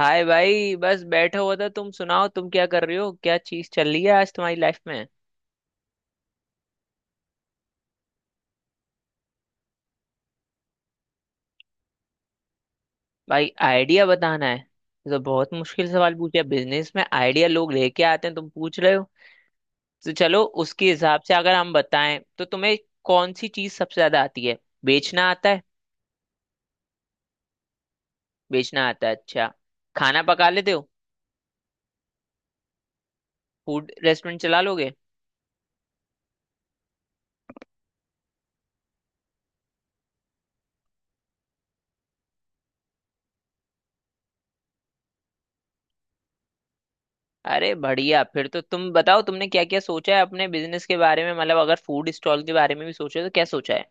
हाय भाई, बस बैठा हुआ था। तुम सुनाओ, तुम क्या कर रहे हो, क्या चीज चल रही है आज तुम्हारी लाइफ में। भाई आइडिया बताना है, ये तो बहुत मुश्किल सवाल पूछे। बिजनेस में आइडिया लोग लेके आते हैं, तुम पूछ रहे हो। तो चलो उसके हिसाब से अगर हम बताएं तो तुम्हें कौन सी चीज सबसे ज्यादा आती है। बेचना आता है। बेचना आता है, अच्छा। खाना पका लेते हो। फूड रेस्टोरेंट चला लोगे। अरे बढ़िया, फिर तो तुम बताओ तुमने क्या क्या सोचा है अपने बिजनेस के बारे में। मतलब अगर फूड स्टॉल के बारे में भी सोचे तो क्या सोचा है।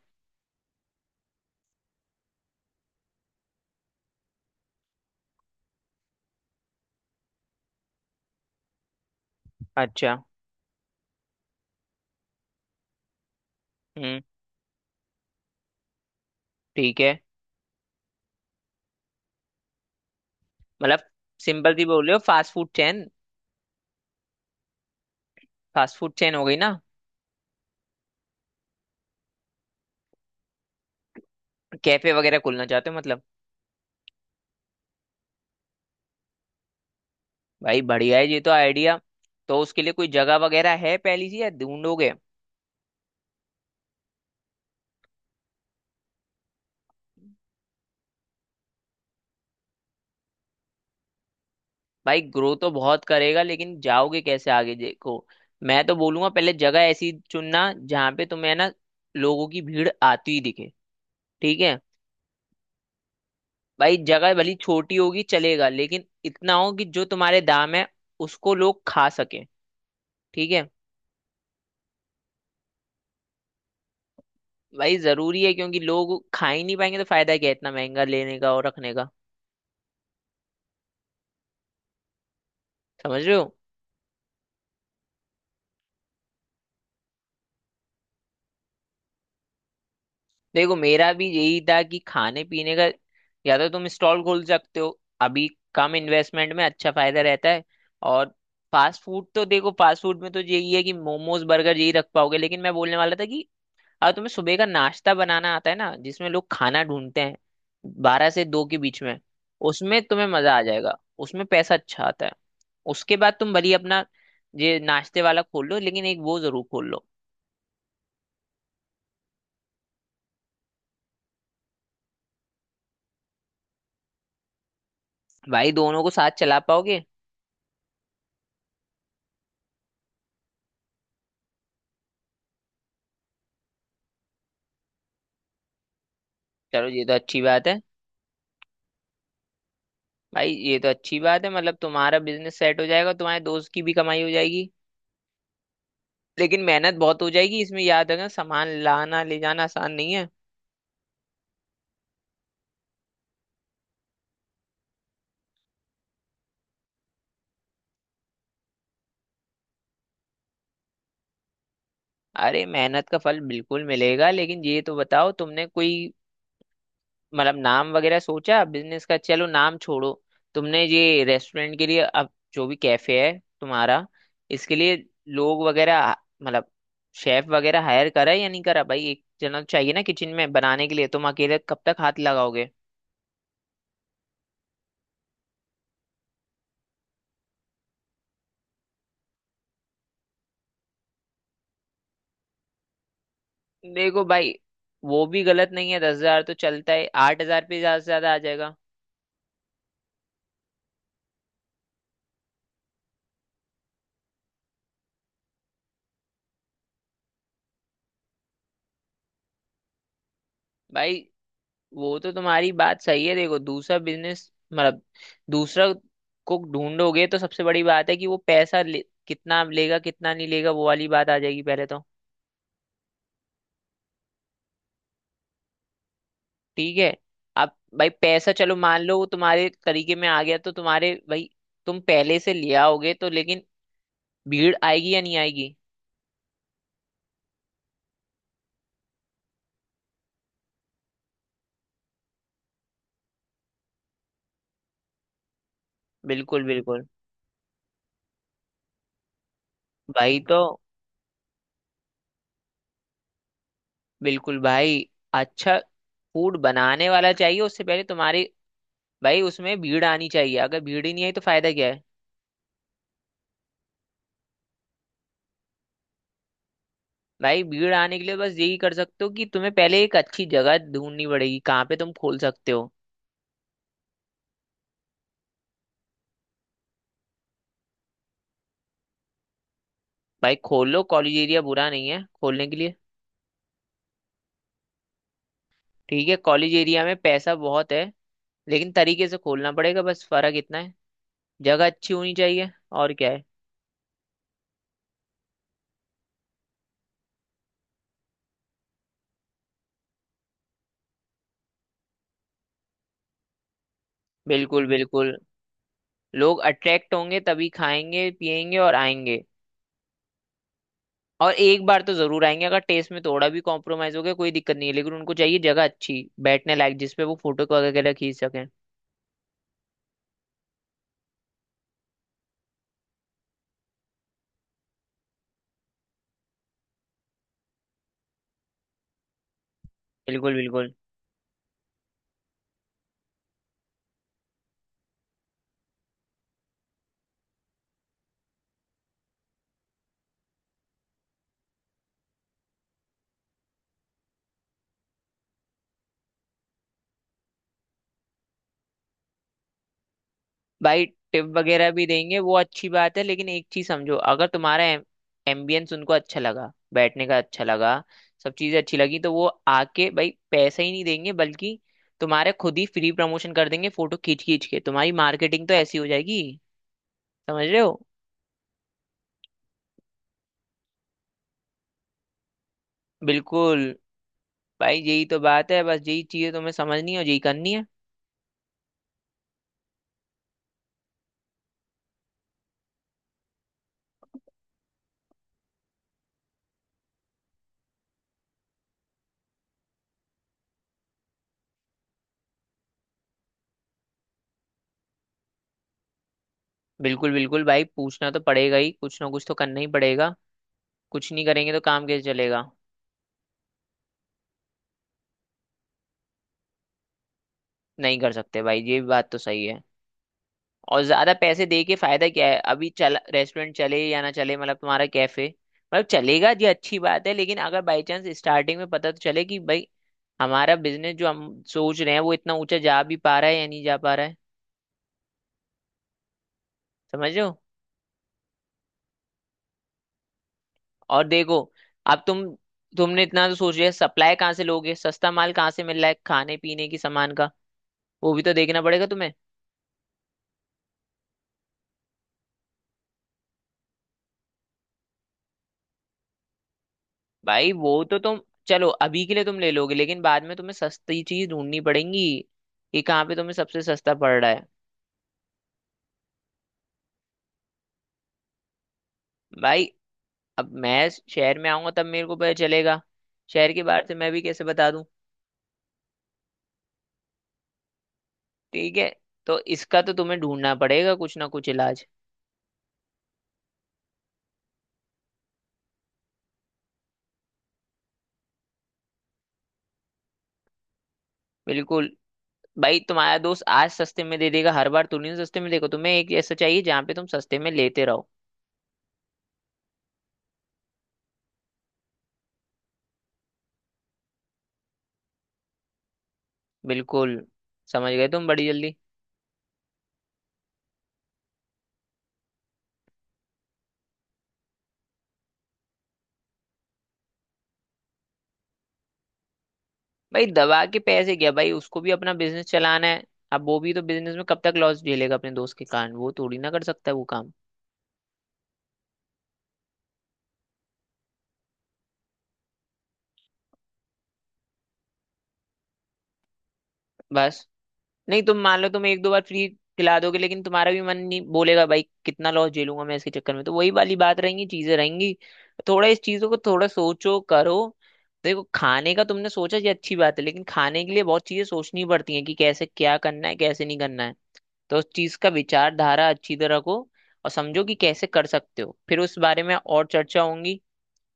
अच्छा। हम्म। ठीक है। मतलब सिंपल सी बोल रहे हो, fast food chain. Fast food chain हो गई ना। कैफे वगैरह खोलना चाहते हो मतलब। भाई बढ़िया है ये तो आइडिया। तो उसके लिए कोई जगह वगैरह है पहली सी या ढूंढोगे। भाई ग्रो तो बहुत करेगा, लेकिन जाओगे कैसे आगे, देखो। मैं तो बोलूंगा पहले जगह ऐसी चुनना जहाँ पे तुम्हें ना लोगों की भीड़ आती ही दिखे। ठीक है। भाई जगह भली छोटी होगी चलेगा, लेकिन इतना हो कि जो तुम्हारे दाम है उसको लोग खा सके। ठीक है। भाई जरूरी है, क्योंकि लोग खा ही नहीं पाएंगे तो फायदा क्या है इतना महंगा लेने का और रखने का। समझ रहे हो। देखो, मेरा भी यही था कि खाने पीने का। या तो तुम स्टॉल खोल सकते हो अभी, कम इन्वेस्टमेंट में अच्छा फायदा रहता है। और फास्ट फूड तो देखो, फास्ट फूड में तो यही है कि मोमोज, बर्गर यही रख पाओगे। लेकिन मैं बोलने वाला था कि अब तुम्हें सुबह का नाश्ता बनाना आता है ना, जिसमें लोग खाना ढूंढते हैं 12 से 2 के बीच में। उसमें तुम्हें मजा आ जाएगा। उसमें पैसा अच्छा आता है। उसके बाद तुम भली अपना ये नाश्ते वाला खोल लो, लेकिन एक वो जरूर खोल लो। भाई दोनों को साथ चला पाओगे। चलो ये तो अच्छी बात है। भाई ये तो अच्छी बात है, मतलब तुम्हारा बिजनेस सेट हो जाएगा, तुम्हारे दोस्त की भी कमाई हो जाएगी। लेकिन मेहनत बहुत हो जाएगी इसमें, याद रखना, सामान लाना ले जाना आसान नहीं है। अरे मेहनत का फल बिल्कुल मिलेगा, लेकिन ये तो बताओ तुमने कोई, मतलब नाम वगैरह सोचा बिजनेस का। चलो नाम छोड़ो। तुमने ये रेस्टोरेंट के लिए, अब जो भी कैफे है तुम्हारा, इसके लिए लोग वगैरह, मतलब शेफ वगैरह हायर करा है या नहीं करा। भाई एक जना तो चाहिए ना किचन में बनाने के लिए, तुम अकेले कब तक हाथ लगाओगे। देखो भाई, वो भी गलत नहीं है, 10,000 तो चलता है, 8,000 पे ज्यादा से ज्यादा आ जाएगा। भाई वो तो तुम्हारी बात सही है। देखो, दूसरा बिजनेस मतलब, दूसरा कुक ढूंढोगे तो सबसे बड़ी बात है कि वो पैसा ले, कितना लेगा कितना नहीं लेगा, वो वाली बात आ जाएगी पहले तो। ठीक है। अब भाई पैसा, चलो मान लो वो तुम्हारे तरीके में आ गया, तो तुम्हारे भाई तुम पहले से ले आओगे, तो लेकिन भीड़ आएगी या नहीं आएगी। बिल्कुल बिल्कुल। भाई तो बिल्कुल भाई, अच्छा फूड बनाने वाला चाहिए, उससे पहले तुम्हारी, भाई उसमें भीड़ आनी चाहिए। अगर भीड़ ही नहीं आई तो फायदा क्या है। भाई भीड़ आने के लिए बस यही कर सकते हो कि तुम्हें पहले एक अच्छी जगह ढूंढनी पड़ेगी, कहाँ पे तुम खोल सकते हो। भाई खोल लो, कॉलेज एरिया बुरा नहीं है खोलने के लिए। ठीक है, कॉलेज एरिया में पैसा बहुत है, लेकिन तरीके से खोलना पड़ेगा, बस फर्क इतना है। जगह अच्छी होनी चाहिए। और क्या है। बिल्कुल बिल्कुल। लोग अट्रैक्ट होंगे तभी खाएंगे, पिएंगे और आएंगे। और एक बार तो जरूर आएंगे। अगर टेस्ट में थोड़ा भी कॉम्प्रोमाइज हो गया कोई दिक्कत नहीं है, लेकिन उनको चाहिए जगह अच्छी बैठने लायक, जिसपे वो फोटो वगैरह खींच सकें। बिल्कुल बिल्कुल। भाई टिप वगैरह भी देंगे वो, अच्छी बात है, लेकिन एक चीज समझो, अगर तुम्हारा एम्बियंस उनको अच्छा लगा, बैठने का अच्छा लगा, सब चीजें अच्छी लगी, तो वो आके भाई पैसा ही नहीं देंगे, बल्कि तुम्हारे खुद ही फ्री प्रमोशन कर देंगे, फोटो खींच खींच के तुम्हारी मार्केटिंग तो ऐसी हो जाएगी। समझ रहे हो। बिल्कुल। भाई यही तो बात है, बस यही चीजें तुम्हें समझनी है और यही करनी है। बिल्कुल बिल्कुल, भाई पूछना तो पड़ेगा ही, कुछ ना कुछ तो करना ही पड़ेगा। कुछ नहीं करेंगे तो काम कैसे चलेगा। नहीं कर सकते भाई, ये बात तो सही है। और ज्यादा पैसे दे के फायदा क्या है, अभी चला रेस्टोरेंट, चले या ना चले, मतलब तुम्हारा कैफे मतलब चलेगा जी, अच्छी बात है, लेकिन अगर बाई चांस स्टार्टिंग में पता तो चले कि भाई हमारा बिजनेस जो हम सोच रहे हैं वो इतना ऊंचा जा भी पा रहा है या नहीं जा पा रहा है। समझ रहे हो। और देखो, अब तुम, तुमने इतना तो सोच लिया, सप्लाई कहाँ से लोगे, सस्ता माल कहाँ से मिल रहा है खाने पीने की सामान का, वो भी तो देखना पड़ेगा तुम्हें। भाई वो तो तुम, चलो अभी के लिए तुम ले लोगे, लेकिन बाद में तुम्हें सस्ती चीज ढूंढनी पड़ेगी कि कहाँ पे तुम्हें सबसे सस्ता पड़ रहा है। भाई अब मैं शहर में आऊंगा तब मेरे को पता चलेगा, शहर के बाहर से मैं भी कैसे बता दूं। ठीक है। तो इसका तो तुम्हें ढूंढना पड़ेगा कुछ ना कुछ इलाज। बिल्कुल। भाई तुम्हारा दोस्त आज सस्ते में दे देगा, हर बार तुम नहीं सस्ते में, देखो तुम्हें एक ऐसा चाहिए जहाँ पे तुम सस्ते में लेते रहो। बिल्कुल, समझ गए तुम बड़ी जल्दी। भाई दवा के पैसे क्या, भाई उसको भी अपना बिजनेस चलाना है। अब वो भी तो बिजनेस में कब तक लॉस झेलेगा अपने दोस्त के कारण, वो थोड़ी ना कर सकता है वो काम। बस नहीं, तुम मान लो तुम एक दो बार फ्री खिला दोगे, लेकिन तुम्हारा भी मन नहीं बोलेगा, भाई कितना लॉस झेलूंगा मैं इसके चक्कर में, तो वही वाली बात रहेंगी, चीजें रहेंगी। थोड़ा इस चीजों को थोड़ा सोचो करो। देखो, खाने का तुमने सोचा ये अच्छी बात है, लेकिन खाने के लिए बहुत चीजें सोचनी पड़ती हैं कि कैसे क्या करना है, कैसे नहीं करना है। तो उस चीज का विचारधारा अच्छी तरह रखो और समझो कि कैसे कर सकते हो, फिर उस बारे में और चर्चा होंगी।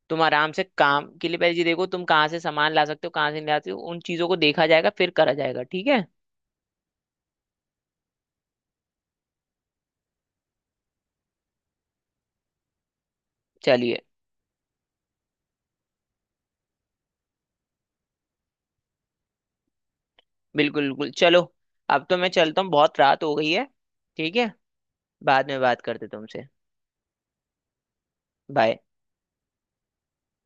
तुम आराम से काम के लिए पहले ये देखो तुम कहाँ से सामान ला सकते हो, कहाँ से नहीं ला सकते हो, उन चीजों को देखा जाएगा फिर करा जाएगा। ठीक है। चलिए, बिल्कुल बिल्कुल, चलो अब तो मैं चलता हूँ, बहुत रात हो गई है। ठीक है। बाद में बात करते तुमसे। बाय।